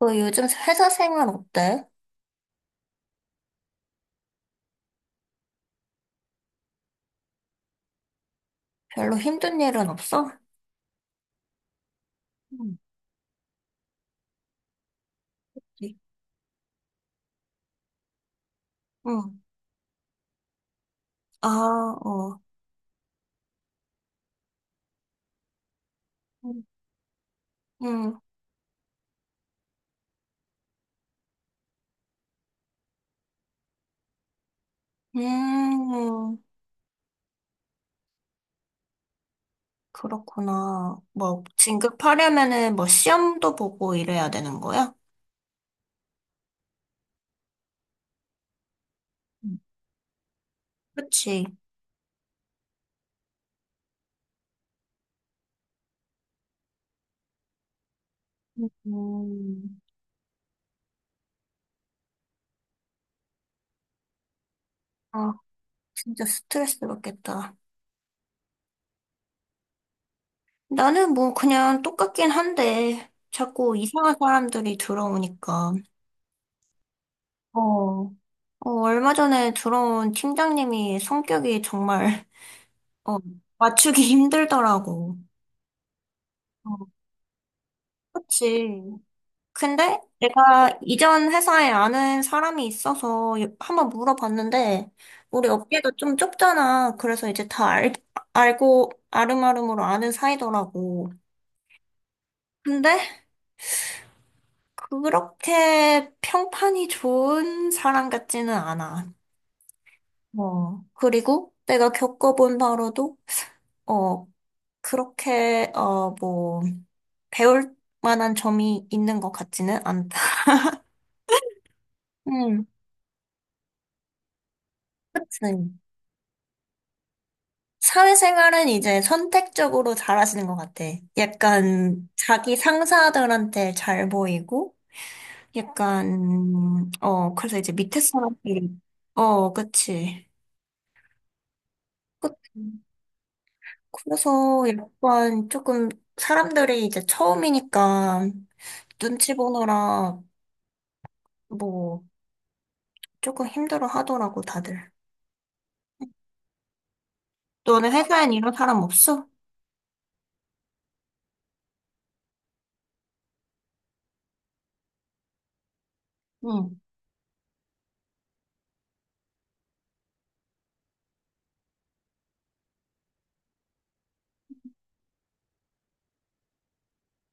너 요즘 회사 생활 어때? 별로 힘든 일은 없어? 응, 응. 아, 어. 음. 응. 음, 그렇구나. 뭐, 진급하려면은 뭐 시험도 보고 이래야 되는 거야? 응, 그치. 음. 아, 진짜 스트레스 받겠다. 나는 뭐 그냥 똑같긴 한데, 자꾸 이상한 사람들이 들어오니까. 어. 어, 얼마 전에 들어온 팀장님이 성격이 정말 어, 맞추기 힘들더라고. 어, 그치. 근데 내가 이전 회사에 아는 사람이 있어서 한번 물어봤는데, 우리 업계가 좀 좁잖아. 그래서 이제 다 알, 알고 아름아름으로 아는 사이더라고. 근데 그렇게 평판이 좋은 사람 같지는 않아. 어, 그리고 내가 겪어본 바로도, 어, 그렇게, 어, 배울 만한 점이 있는 것 같지는 않다. 음, 그치. 사회생활은 이제 선택적으로 잘하시는 것 같아. 약간 자기 상사들한테 잘 보이고, 약간, 어, 그래서 이제 밑에 사람들이, 어, 그치. 그치. 그래서 약간 조금 사람들이 이제 처음이니까 눈치 보느라 뭐 조금 힘들어 하더라고, 다들. 너는 회사엔 이런 사람 없어? 응.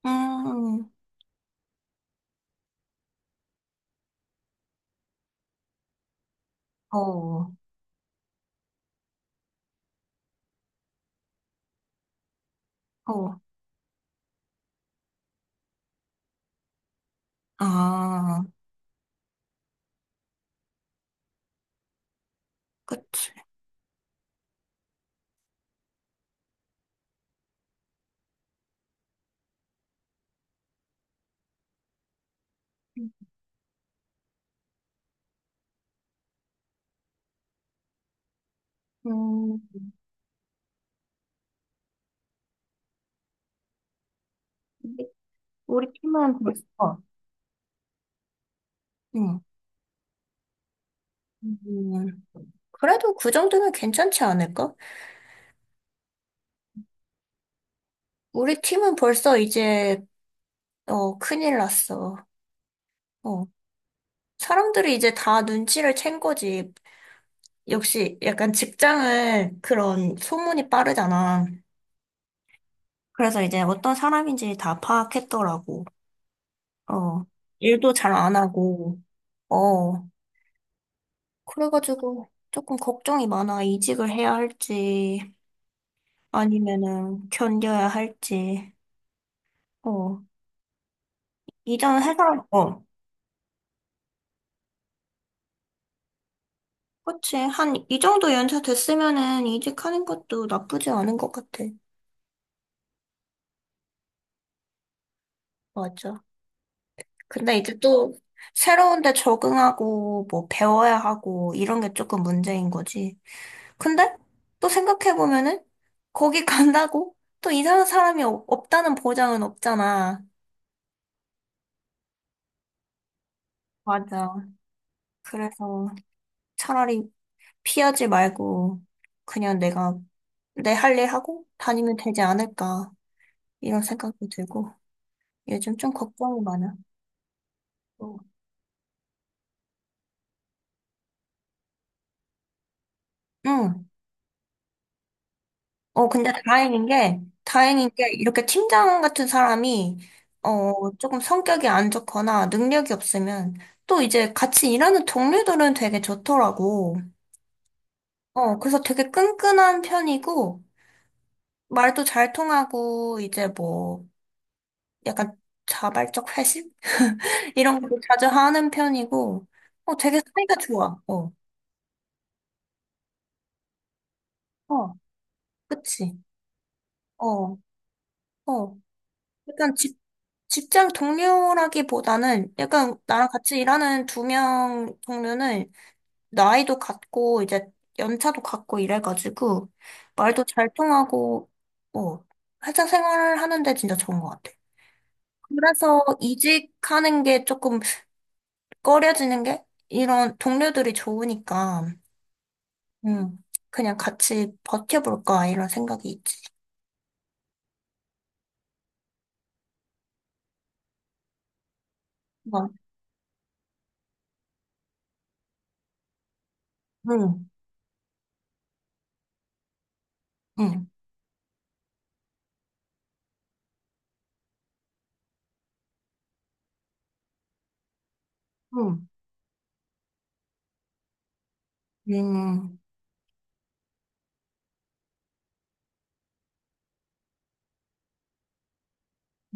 음, 어, 어. 아, 그치. 음, 우리 팀은 벌써, 응. 음, 그래도 그 정도면 괜찮지 않을까? 우리 팀은 벌써 이제, 어, 큰일 났어. 어, 사람들이 이제 다 눈치를 챈 거지. 역시 약간 직장은 그런 소문이 빠르잖아. 그래서 이제 어떤 사람인지 다 파악했더라고. 어, 일도 잘 안 하고. 어, 그래가지고 조금 걱정이 많아. 이직을 해야 할지. 아니면은 견뎌야 할지. 어. 이전 회사, 어. 그치. 한, 이 정도 연차 됐으면은 이직하는 것도 나쁘지 않은 것 같아. 맞아. 근데 이제 또 새로운 데 적응하고 뭐 배워야 하고 이런 게 조금 문제인 거지. 근데 또 생각해보면은 거기 간다고 또 이상한 사람이 없다는 보장은 없잖아. 맞아. 그래서 차라리 피하지 말고 그냥 내가 내 할 일 하고 다니면 되지 않을까 이런 생각도 들고 요즘 좀 걱정이 많아. 어. 응. 어 근데 다행인 게 이렇게 팀장 같은 사람이 어 조금 성격이 안 좋거나 능력이 없으면 또 이제 같이 일하는 동료들은 되게 좋더라고. 어 그래서 되게 끈끈한 편이고 말도 잘 통하고 이제 뭐 약간 자발적 회식 이런 것도 자주 하는 편이고 어 되게 사이가 좋아. 어. 어. 그치? 어, 어. 약간 직장 동료라기보다는 약간 나랑 같이 일하는 두 명 동료는 나이도 같고 이제 연차도 같고 이래가지고 말도 잘 통하고 어, 회사 생활을 하는데 진짜 좋은 것 같아. 그래서 이직하는 게 조금 꺼려지는 게 이런 동료들이 좋으니까 음, 그냥 같이 버텨볼까 이런 생각이 있지. 응응 응 응응응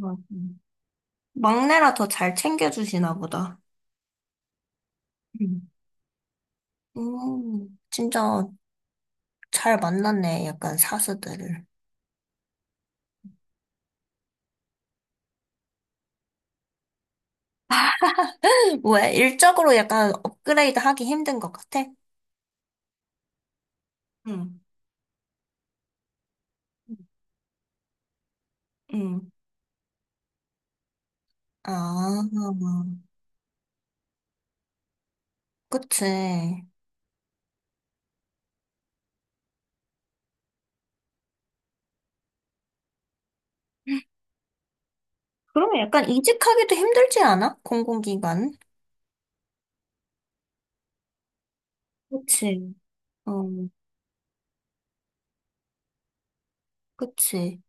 응. 막내라 더 잘 챙겨주시나 보다. 음. 진짜 잘 만났네, 약간 사수들을. 왜? 일적으로 약간 업그레이드 하기 힘든 것 같아? 응, 응. 아, 그치. 그러면 약간 이직하기도 힘들지 않아? 공공기관? 그치. 어, 그치.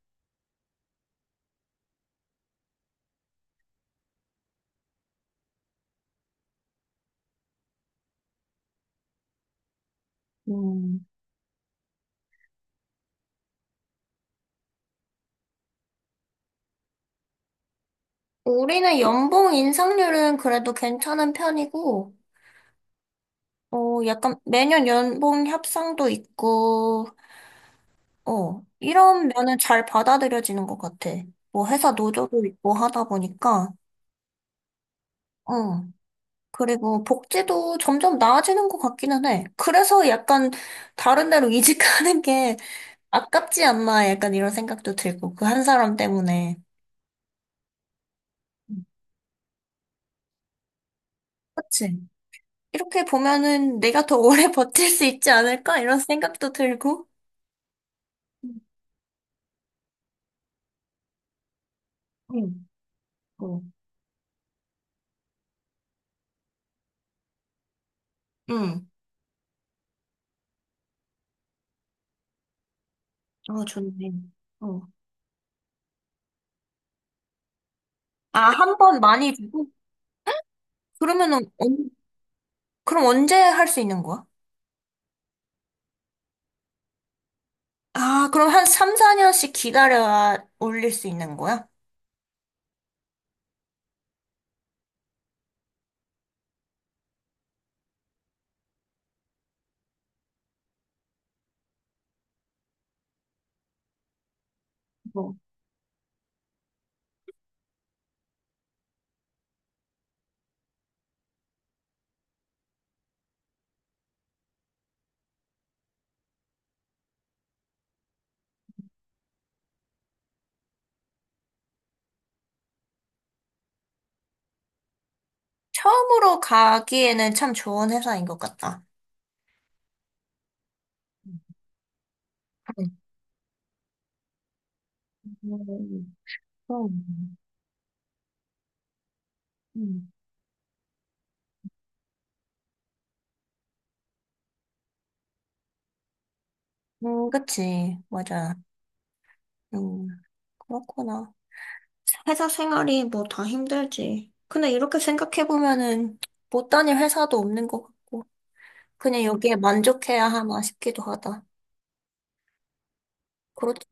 음. 우리는 연봉 인상률은 그래도 괜찮은 편이고, 어, 약간 매년 연봉 협상도 있고, 어, 이런 면은 잘 받아들여지는 것 같아. 뭐 회사 노조도 있고 하다 보니까, 어. 그리고 복지도 점점 나아지는 것 같기는 해. 그래서 약간 다른 데로 이직하는 게 아깝지 않나 약간 이런 생각도 들고, 그 한 사람 때문에. 음, 그치? 이렇게 보면은 내가 더 오래 버틸 수 있지 않을까? 이런 생각도 들고. 응, 응, 어, 응. 아, 좋네. 어. 아, 한 번 많이 주고? 그러면은 그럼 언제 할 수 있는 거야? 아, 그럼 한 3, 4년씩 기다려야 올릴 수 있는 거야? 어. 처음으로 가기에는 참 좋은 회사인 것 같다. 응 음, 그럼. 음. 그치. 맞아. 음, 그렇구나. 회사 생활이 뭐 다 힘들지. 근데 이렇게 생각해보면은 못 다닐 회사도 없는 것 같고, 그냥 여기에 만족해야 하나 싶기도 하다. 그렇지.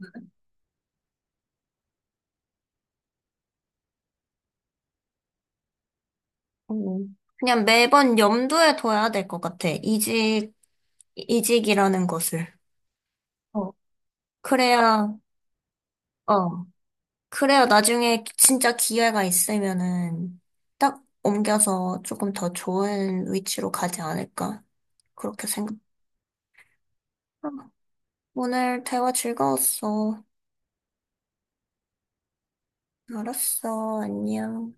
음. 그냥 매번 염두에 둬야 될 것 같아. 이직이라는 것을. 어, 그래야, 어, 그래야 나중에 진짜 기회가 있으면은 딱 옮겨서 조금 더 좋은 위치로 가지 않을까. 그렇게 생각. 아, 오늘 대화 즐거웠어. 알았어. 안녕.